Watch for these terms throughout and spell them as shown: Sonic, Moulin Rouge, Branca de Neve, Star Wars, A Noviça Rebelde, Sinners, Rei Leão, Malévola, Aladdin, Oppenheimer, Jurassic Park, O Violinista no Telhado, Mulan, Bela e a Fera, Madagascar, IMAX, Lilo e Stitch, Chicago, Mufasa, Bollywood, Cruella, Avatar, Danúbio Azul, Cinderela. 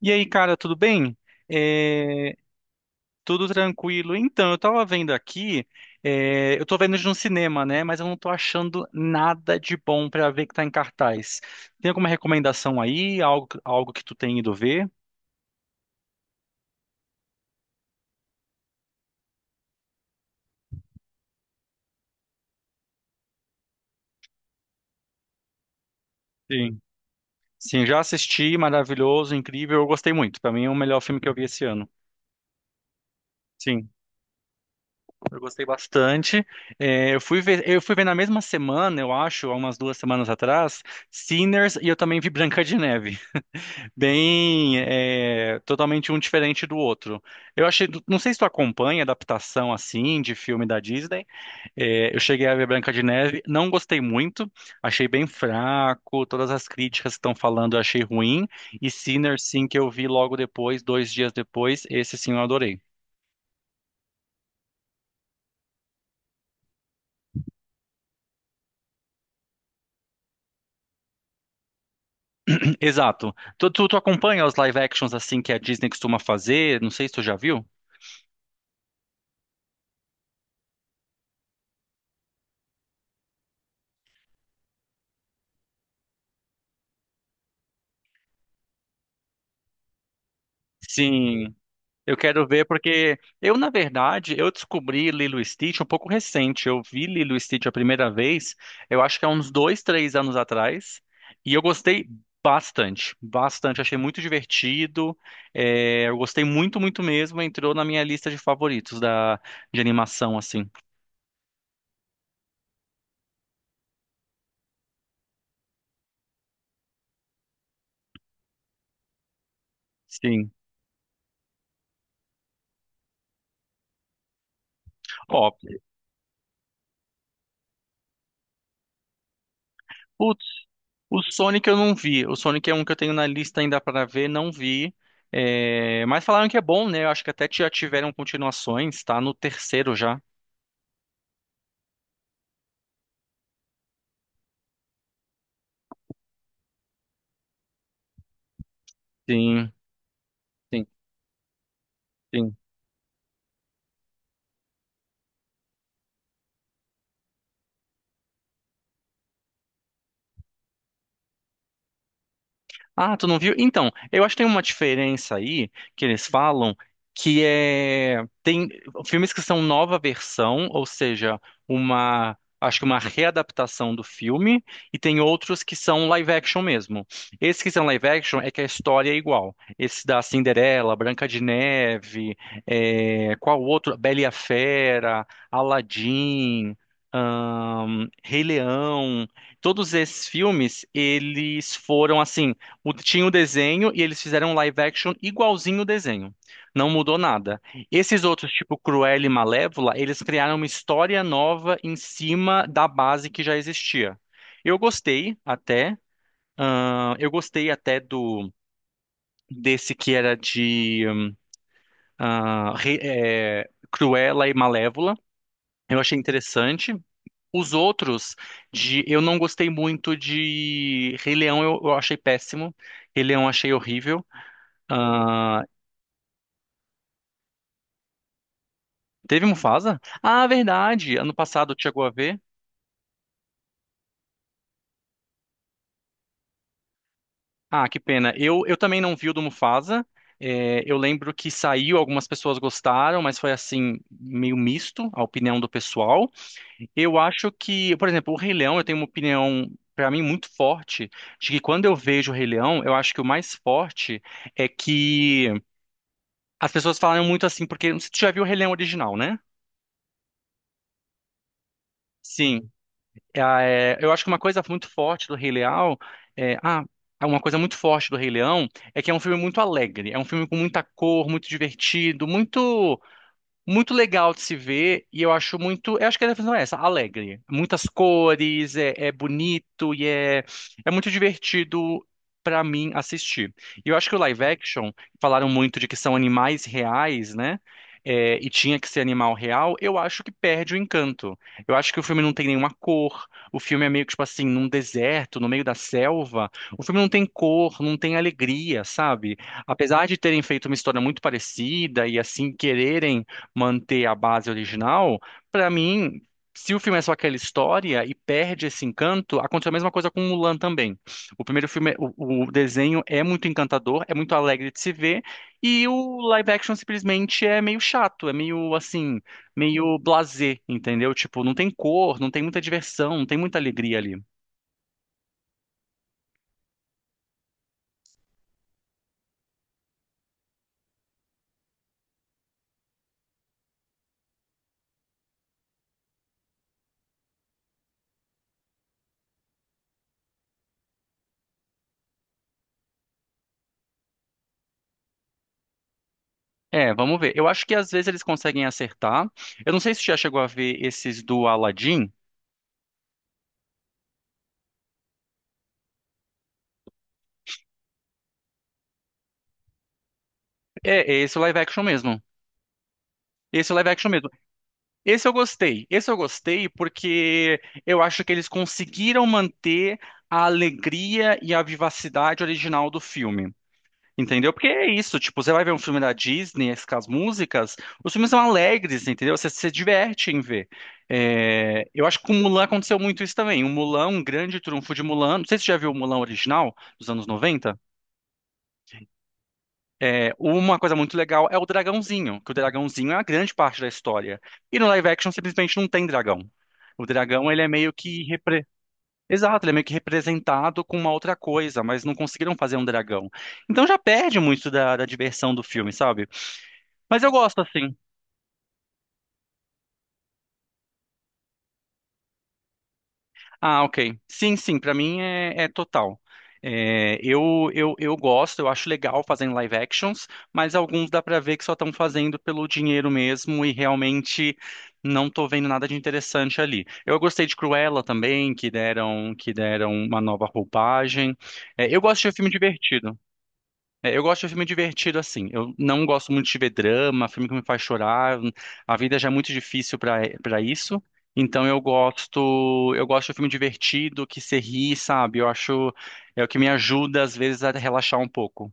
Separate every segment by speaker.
Speaker 1: E aí, cara, tudo bem? É, tudo tranquilo. Então, eu tava vendo aqui, é, eu tô vendo de um cinema, né? Mas eu não tô achando nada de bom pra ver que tá em cartaz. Tem alguma recomendação aí? Algo que tu tem ido ver? Sim. Sim, já assisti, maravilhoso, incrível. Eu gostei muito. Pra mim é o melhor filme que eu vi esse ano. Sim, eu gostei bastante. É, eu fui ver na mesma semana, eu acho, há umas 2 semanas atrás, Sinners, e eu também vi Branca de Neve. Bem é, totalmente um diferente do outro. Eu achei, não sei se tu acompanha adaptação assim de filme da Disney. É, eu cheguei a ver Branca de Neve, não gostei muito, achei bem fraco, todas as críticas que estão falando eu achei ruim, e Sinners sim, que eu vi logo depois, 2 dias depois, esse sim eu adorei. Exato. Tu acompanha os live actions assim que a Disney costuma fazer? Não sei se tu já viu? Sim. Eu quero ver porque eu, na verdade, eu descobri Lilo e Stitch um pouco recente. Eu vi Lilo e Stitch a primeira vez, eu acho que há uns dois, três anos atrás, e eu gostei bastante, bastante. Achei muito divertido, é, eu gostei muito, muito mesmo. Entrou na minha lista de favoritos da, de animação, assim. Sim. Ó, putz. O Sonic eu não vi. O Sonic é um que eu tenho na lista ainda para ver, não vi. É, mas falaram que é bom, né? Eu acho que até já tiveram continuações, tá? No terceiro já. Sim, sim, sim. Ah, tu não viu? Então, eu acho que tem uma diferença aí que eles falam que é tem filmes que são nova versão, ou seja, uma, acho que uma readaptação do filme, e tem outros que são live action mesmo. Esses que são live action é que a história é igual. Esse da Cinderela, Branca de Neve, é, qual outro? Bela e a Fera, Aladdin, Rei Leão. Todos esses filmes, eles foram assim tinha o desenho e eles fizeram um live action igualzinho o desenho. Não mudou nada. Esses outros, tipo Cruella e Malévola, eles criaram uma história nova em cima da base que já existia. Eu gostei até, eu gostei até do desse que era de Cruella e Malévola. Eu achei interessante. Os outros, eu não gostei muito de Rei Leão, eu achei péssimo. Rei Leão eu achei horrível. Teve Mufasa? Ah, verdade. Ano passado chegou a ver. Ah, que pena. Eu também não vi o do Mufasa. É, eu lembro que saiu, algumas pessoas gostaram, mas foi assim, meio misto a opinião do pessoal. Eu acho que, por exemplo, o Rei Leão, eu tenho uma opinião, pra mim, muito forte, de que quando eu vejo o Rei Leão, eu acho que o mais forte é que as pessoas falam muito assim, porque você já viu o Rei Leão original, né? Sim. Ah, é, eu acho que uma coisa muito forte do Rei Leão é, ah, é uma coisa muito forte do Rei Leão é que é um filme muito alegre, é um filme com muita cor, muito divertido, muito muito legal de se ver, e eu acho muito, eu acho que a definição é essa, alegre. Muitas cores, é, é bonito e é, é muito divertido pra mim assistir. E eu acho que o live action, falaram muito de que são animais reais, né? É, e tinha que ser animal real, eu acho que perde o encanto. Eu acho que o filme não tem nenhuma cor, o filme é meio que, tipo assim, num deserto, no meio da selva. O filme não tem cor, não tem alegria, sabe? Apesar de terem feito uma história muito parecida e assim quererem manter a base original, pra mim, se o filme é só aquela história e perde esse encanto, aconteceu a mesma coisa com Mulan também. O primeiro filme, o desenho é muito encantador, é muito alegre de se ver, e o live action simplesmente é meio chato, é meio assim, meio blasé, entendeu? Tipo, não tem cor, não tem muita diversão, não tem muita alegria ali. É, vamos ver. Eu acho que às vezes eles conseguem acertar. Eu não sei se já chegou a ver esses do Aladdin. É, é esse o live action mesmo. Esse é o live action mesmo. Esse eu gostei. Esse eu gostei porque eu acho que eles conseguiram manter a alegria e a vivacidade original do filme. Entendeu? Porque é isso, tipo, você vai ver um filme da Disney, as com as músicas, os filmes são alegres, entendeu? Você se diverte em ver. É, eu acho que com Mulan aconteceu muito isso também. O Mulan, um grande trunfo de Mulan, não sei se você já viu o Mulan original, dos anos 90. É, uma coisa muito legal é o dragãozinho, que o dragãozinho é a grande parte da história. E no live action simplesmente não tem dragão. O dragão, ele é meio que exato, ele é meio que representado com uma outra coisa, mas não conseguiram fazer um dragão. Então já perde muito da diversão do filme, sabe? Mas eu gosto assim. Ah, ok. Sim, sim, pra mim é, é total. É, eu gosto, eu acho legal fazendo live actions, mas alguns dá pra ver que só estão fazendo pelo dinheiro mesmo e realmente não tô vendo nada de interessante ali. Eu gostei de Cruella também, que deram uma nova roupagem. É, eu gosto de filme divertido. É, eu gosto de filme divertido assim. Eu não gosto muito de ver drama, filme que me faz chorar. A vida já é muito difícil para isso. Então eu gosto de filme divertido, que se ri, sabe? Eu acho é o que me ajuda às vezes a relaxar um pouco.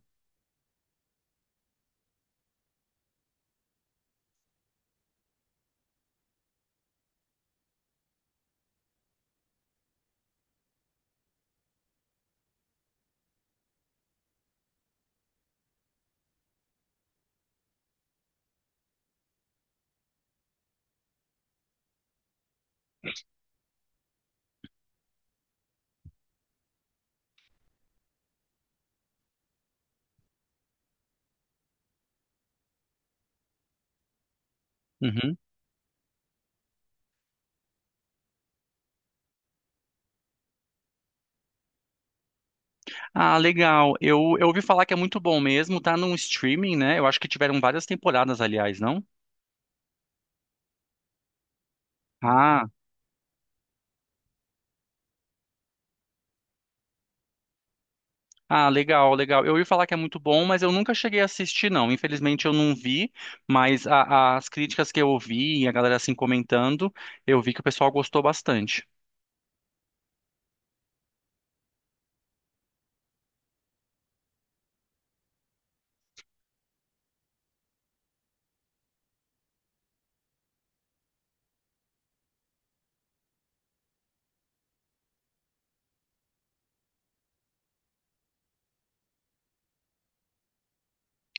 Speaker 1: Uhum. Ah, legal. Eu ouvi falar que é muito bom mesmo, tá num streaming, né? Eu acho que tiveram várias temporadas, aliás, não? Ah. Ah, legal, legal. Eu ia falar que é muito bom, mas eu nunca cheguei a assistir, não. Infelizmente eu não vi, mas as críticas que eu ouvi e a galera assim comentando, eu vi que o pessoal gostou bastante.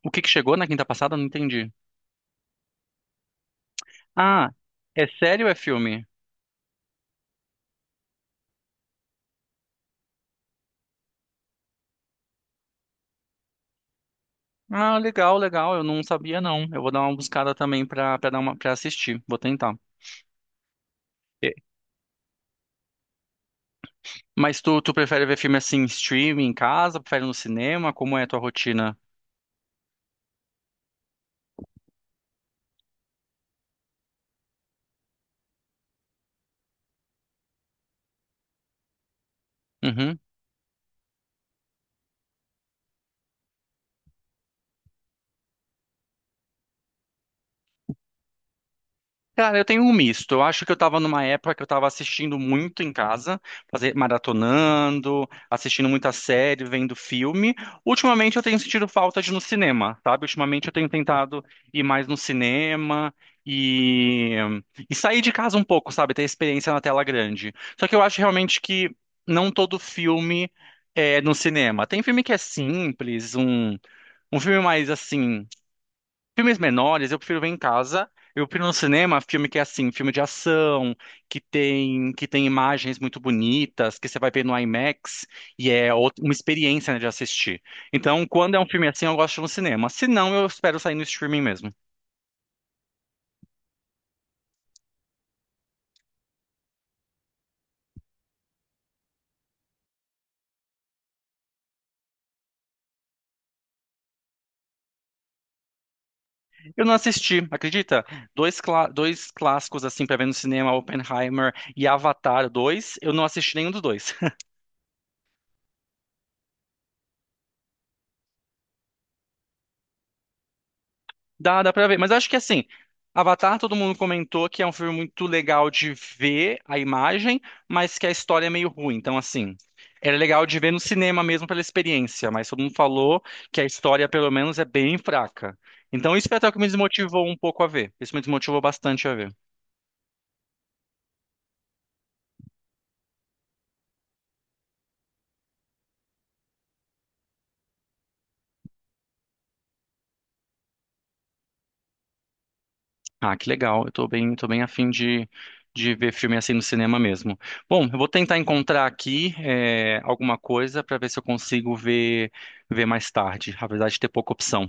Speaker 1: O que que chegou na quinta passada? Eu não entendi. Ah, é sério ou é filme? Ah, legal, legal. Eu não sabia, não. Eu vou dar uma buscada também pra dar uma, pra assistir. Vou tentar. E- mas tu prefere ver filme assim, em streaming, em casa? Prefere no cinema? Como é a tua rotina? Uhum. Cara, eu tenho um misto. Eu acho que eu tava numa época que eu tava assistindo muito em casa, fazer, maratonando, assistindo muita série, vendo filme. Ultimamente eu tenho sentido falta de ir no cinema, sabe? Ultimamente eu tenho tentado ir mais no cinema e, e sair de casa um pouco, sabe? Ter experiência na tela grande. Só que eu acho realmente que não todo filme é no cinema. Tem filme que é simples, um filme mais assim. Filmes menores eu prefiro ver em casa. Eu prefiro no cinema filme que é assim, filme de ação, que tem imagens muito bonitas, que você vai ver no IMAX e é uma experiência, né, de assistir. Então, quando é um filme assim, eu gosto de ir no cinema. Se não, eu espero sair no streaming mesmo. Eu não assisti, acredita? Dois clássicos assim para ver no cinema, Oppenheimer e Avatar 2. Eu não assisti nenhum dos dois. Dá, dá pra ver. Mas acho que assim, Avatar, todo mundo comentou que é um filme muito legal de ver a imagem, mas que a história é meio ruim. Então, assim, era legal de ver no cinema mesmo pela experiência, mas todo mundo falou que a história, pelo menos, é bem fraca. Então, isso foi até o que me desmotivou um pouco a ver. Isso me desmotivou bastante a ver. Ah, que legal. Eu tô bem a fim de ver filme assim no cinema mesmo. Bom, eu vou tentar encontrar aqui, eh, alguma coisa pra ver se eu consigo ver mais tarde, apesar de ter pouca opção.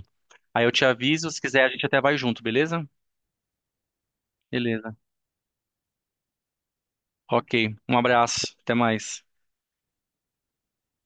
Speaker 1: Aí eu te aviso, se quiser a gente até vai junto, beleza? Beleza. Ok. Um abraço. Até mais.